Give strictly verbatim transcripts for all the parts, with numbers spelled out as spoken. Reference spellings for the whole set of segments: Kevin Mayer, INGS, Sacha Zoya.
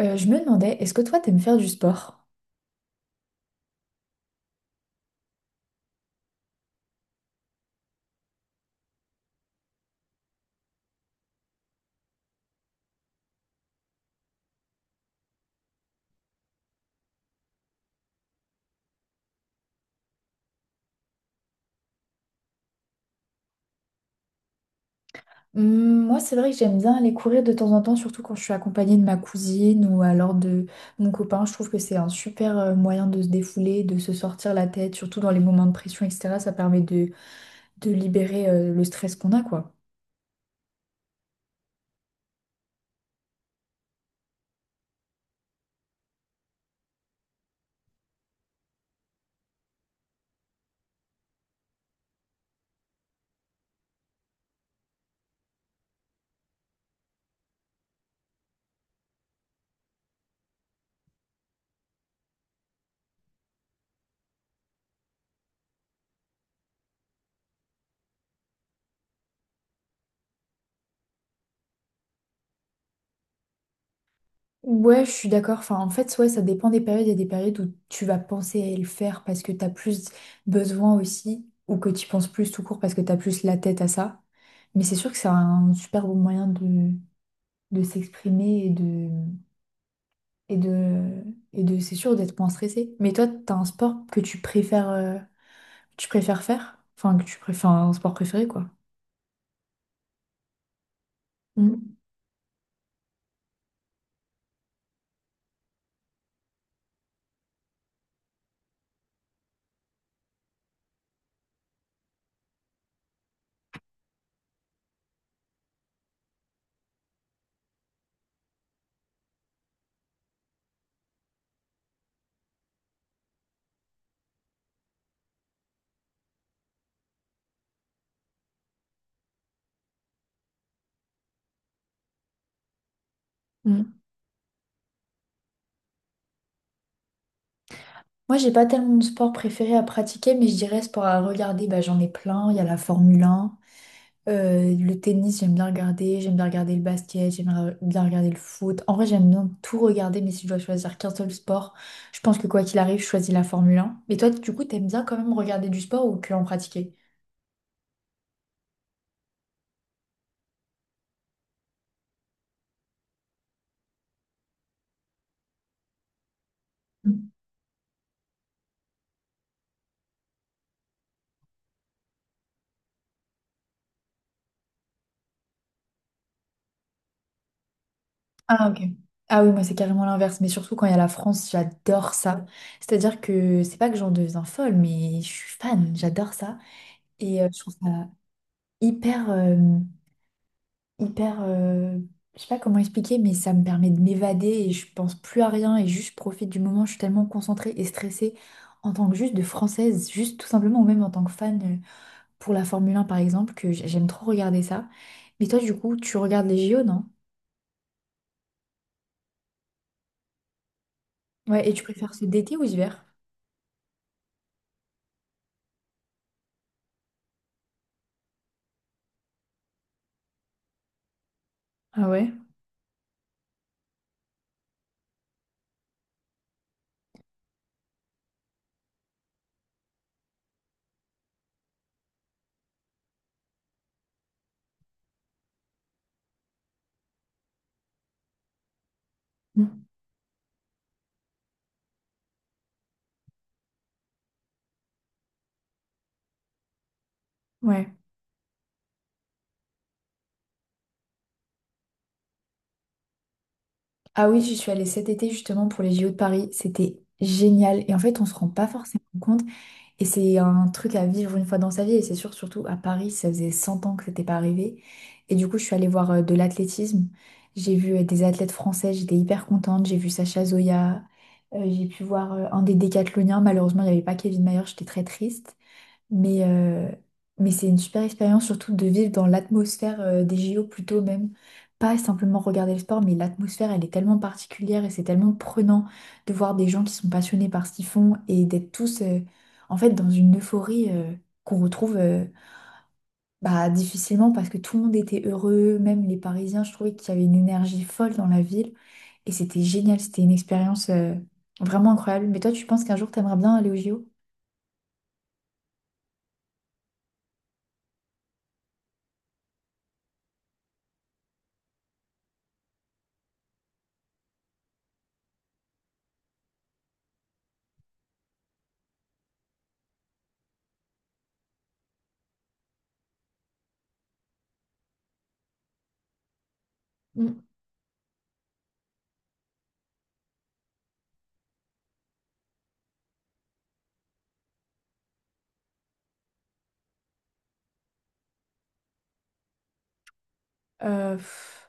Euh, je me demandais, est-ce que toi, t'aimes faire du sport? Hmm, moi, c'est vrai que j'aime bien aller courir de temps en temps, surtout quand je suis accompagnée de ma cousine ou alors de mon copain. Je trouve que c'est un super euh, moyen de se défouler, de se sortir la tête, surtout dans les moments de pression, et cetera. Ça permet de, de libérer euh, le stress qu'on a, quoi. Ouais, je suis d'accord. Enfin, en fait, ouais, ça dépend des périodes. Il y a des périodes où tu vas penser à le faire parce que t'as plus besoin aussi, ou que tu penses plus tout court parce que t'as plus la tête à ça. Mais c'est sûr que c'est un super bon moyen de de s'exprimer et de, et de, et de, c'est sûr d'être moins stressé. Mais toi, t'as un sport que tu préfères, euh, tu préfères faire? Enfin, que tu préfères un sport préféré, quoi. Mm, mm. Moi, j'ai pas tellement de sport préféré à pratiquer, mais je dirais sport à regarder, bah, j'en ai plein. Il y a la Formule un euh, le tennis, j'aime bien regarder. J'aime bien regarder le basket, j'aime re- bien regarder le foot. En vrai, j'aime bien tout regarder, mais si je dois choisir qu'un seul sport, je pense que quoi qu'il arrive, je choisis la Formule un. Mais toi, du coup, t'aimes bien quand même regarder du sport ou que en pratiquer? Ah, ok. Ah oui, moi c'est carrément l'inverse, mais surtout quand il y a la France, j'adore ça. C'est-à-dire que c'est pas que j'en deviens folle, mais je suis fan, j'adore ça. Et euh, je trouve ça hyper, euh, hyper, euh, je sais pas comment expliquer, mais ça me permet de m'évader et je pense plus à rien et juste je profite du moment. Je suis tellement concentrée et stressée en tant que juste de française, juste tout simplement, ou même en tant que fan euh, pour la Formule un par exemple, que j- j'aime trop regarder ça. Mais toi, du coup, tu regardes les J O, non? Ouais, et tu préfères ce d'été ou hiver? Ah ouais? Ouais. Ah oui, je suis allée cet été justement pour les J O de Paris. C'était génial. Et en fait, on se rend pas forcément compte. Et c'est un truc à vivre une fois dans sa vie. Et c'est sûr, surtout à Paris, ça faisait cent ans que c'était pas arrivé. Et du coup, je suis allée voir euh, de l'athlétisme. J'ai vu euh, des athlètes français. J'étais hyper contente. J'ai vu Sacha Zoya. Euh, j'ai pu voir euh, un des décathloniens. Malheureusement, il n'y avait pas Kevin Mayer. J'étais très triste. Mais, euh, mais c'est une super expérience, surtout de vivre dans l'atmosphère euh, des J O plutôt même. Pas simplement regarder le sport, mais l'atmosphère, elle est tellement particulière et c'est tellement prenant de voir des gens qui sont passionnés par ce qu'ils font et d'être tous euh, en fait dans une euphorie euh, qu'on retrouve euh, bah, difficilement parce que tout le monde était heureux, même les Parisiens, je trouvais qu'il y avait une énergie folle dans la ville et c'était génial, c'était une expérience euh, vraiment incroyable. Mais toi, tu penses qu'un jour, t'aimerais bien aller aux J O? Mm. Euh, pff,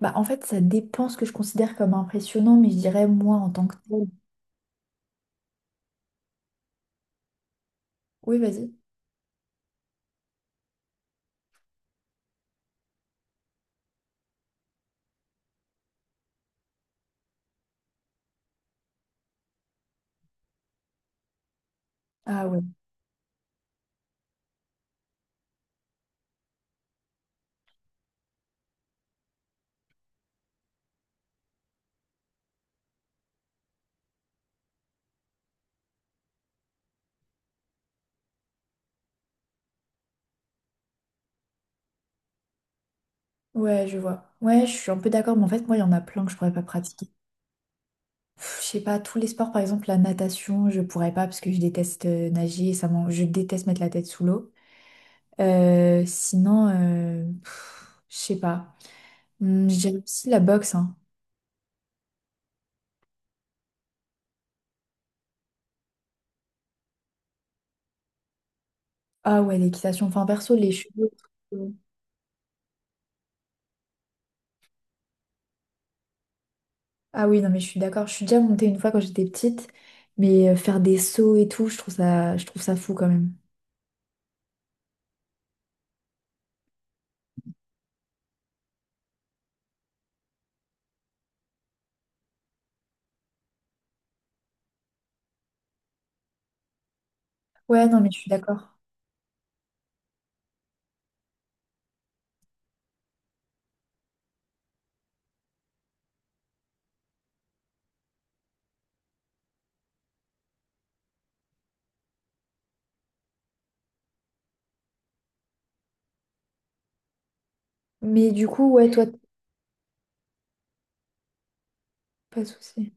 Bah, en fait, ça dépend ce que je considère comme impressionnant, mais je dirais moi en tant que tel. Oui, vas-y. Ah ouais. Ouais, je vois. Ouais, je suis un peu d'accord, mais en fait, moi, il y en a plein que je pourrais pas pratiquer. Pff, je sais pas, tous les sports, par exemple, la natation, je pourrais pas parce que je déteste euh, nager, ça m'en- je déteste mettre la tête sous l'eau. Euh, sinon, euh, pff, je sais pas. Hum, J'aime aussi la boxe, hein. Ah ouais, l'équitation. Enfin, perso, les chevaux. Ah oui, non, mais je suis d'accord. Je suis déjà montée une fois quand j'étais petite, mais euh, faire des sauts et tout, je trouve ça, je trouve ça fou quand même. Ouais, non, mais je suis d'accord. Mais du coup, ouais, toi, pas de souci.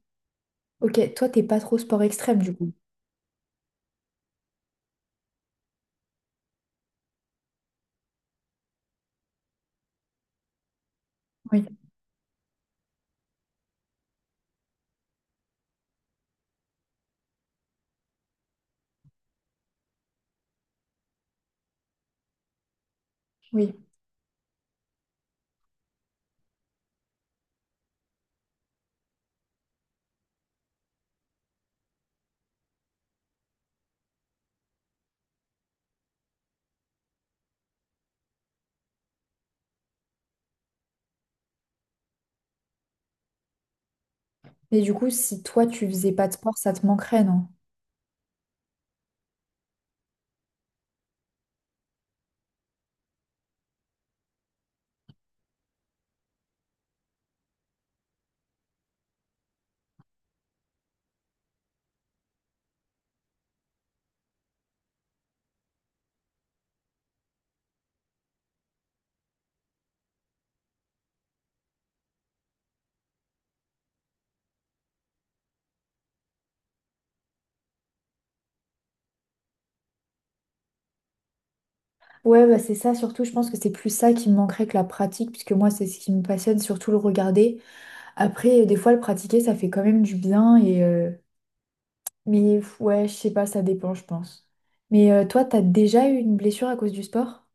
Ok, toi, t'es pas trop sport extrême, du coup. Oui, oui. Mais du coup, si toi, tu faisais pas de sport, ça te manquerait, non? Ouais, bah c'est ça, surtout, je pense que c'est plus ça qui me manquerait que la pratique, puisque moi, c'est ce qui me passionne, surtout le regarder. Après, des fois, le pratiquer, ça fait quand même du bien et, euh, mais pff, ouais, je sais pas, ça dépend, je pense. Mais euh, toi, t'as déjà eu une blessure à cause du sport?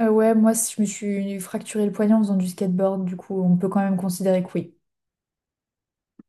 Euh, ouais, moi, si je me suis fracturé le poignet en faisant du skateboard, du coup, on peut quand même considérer que oui.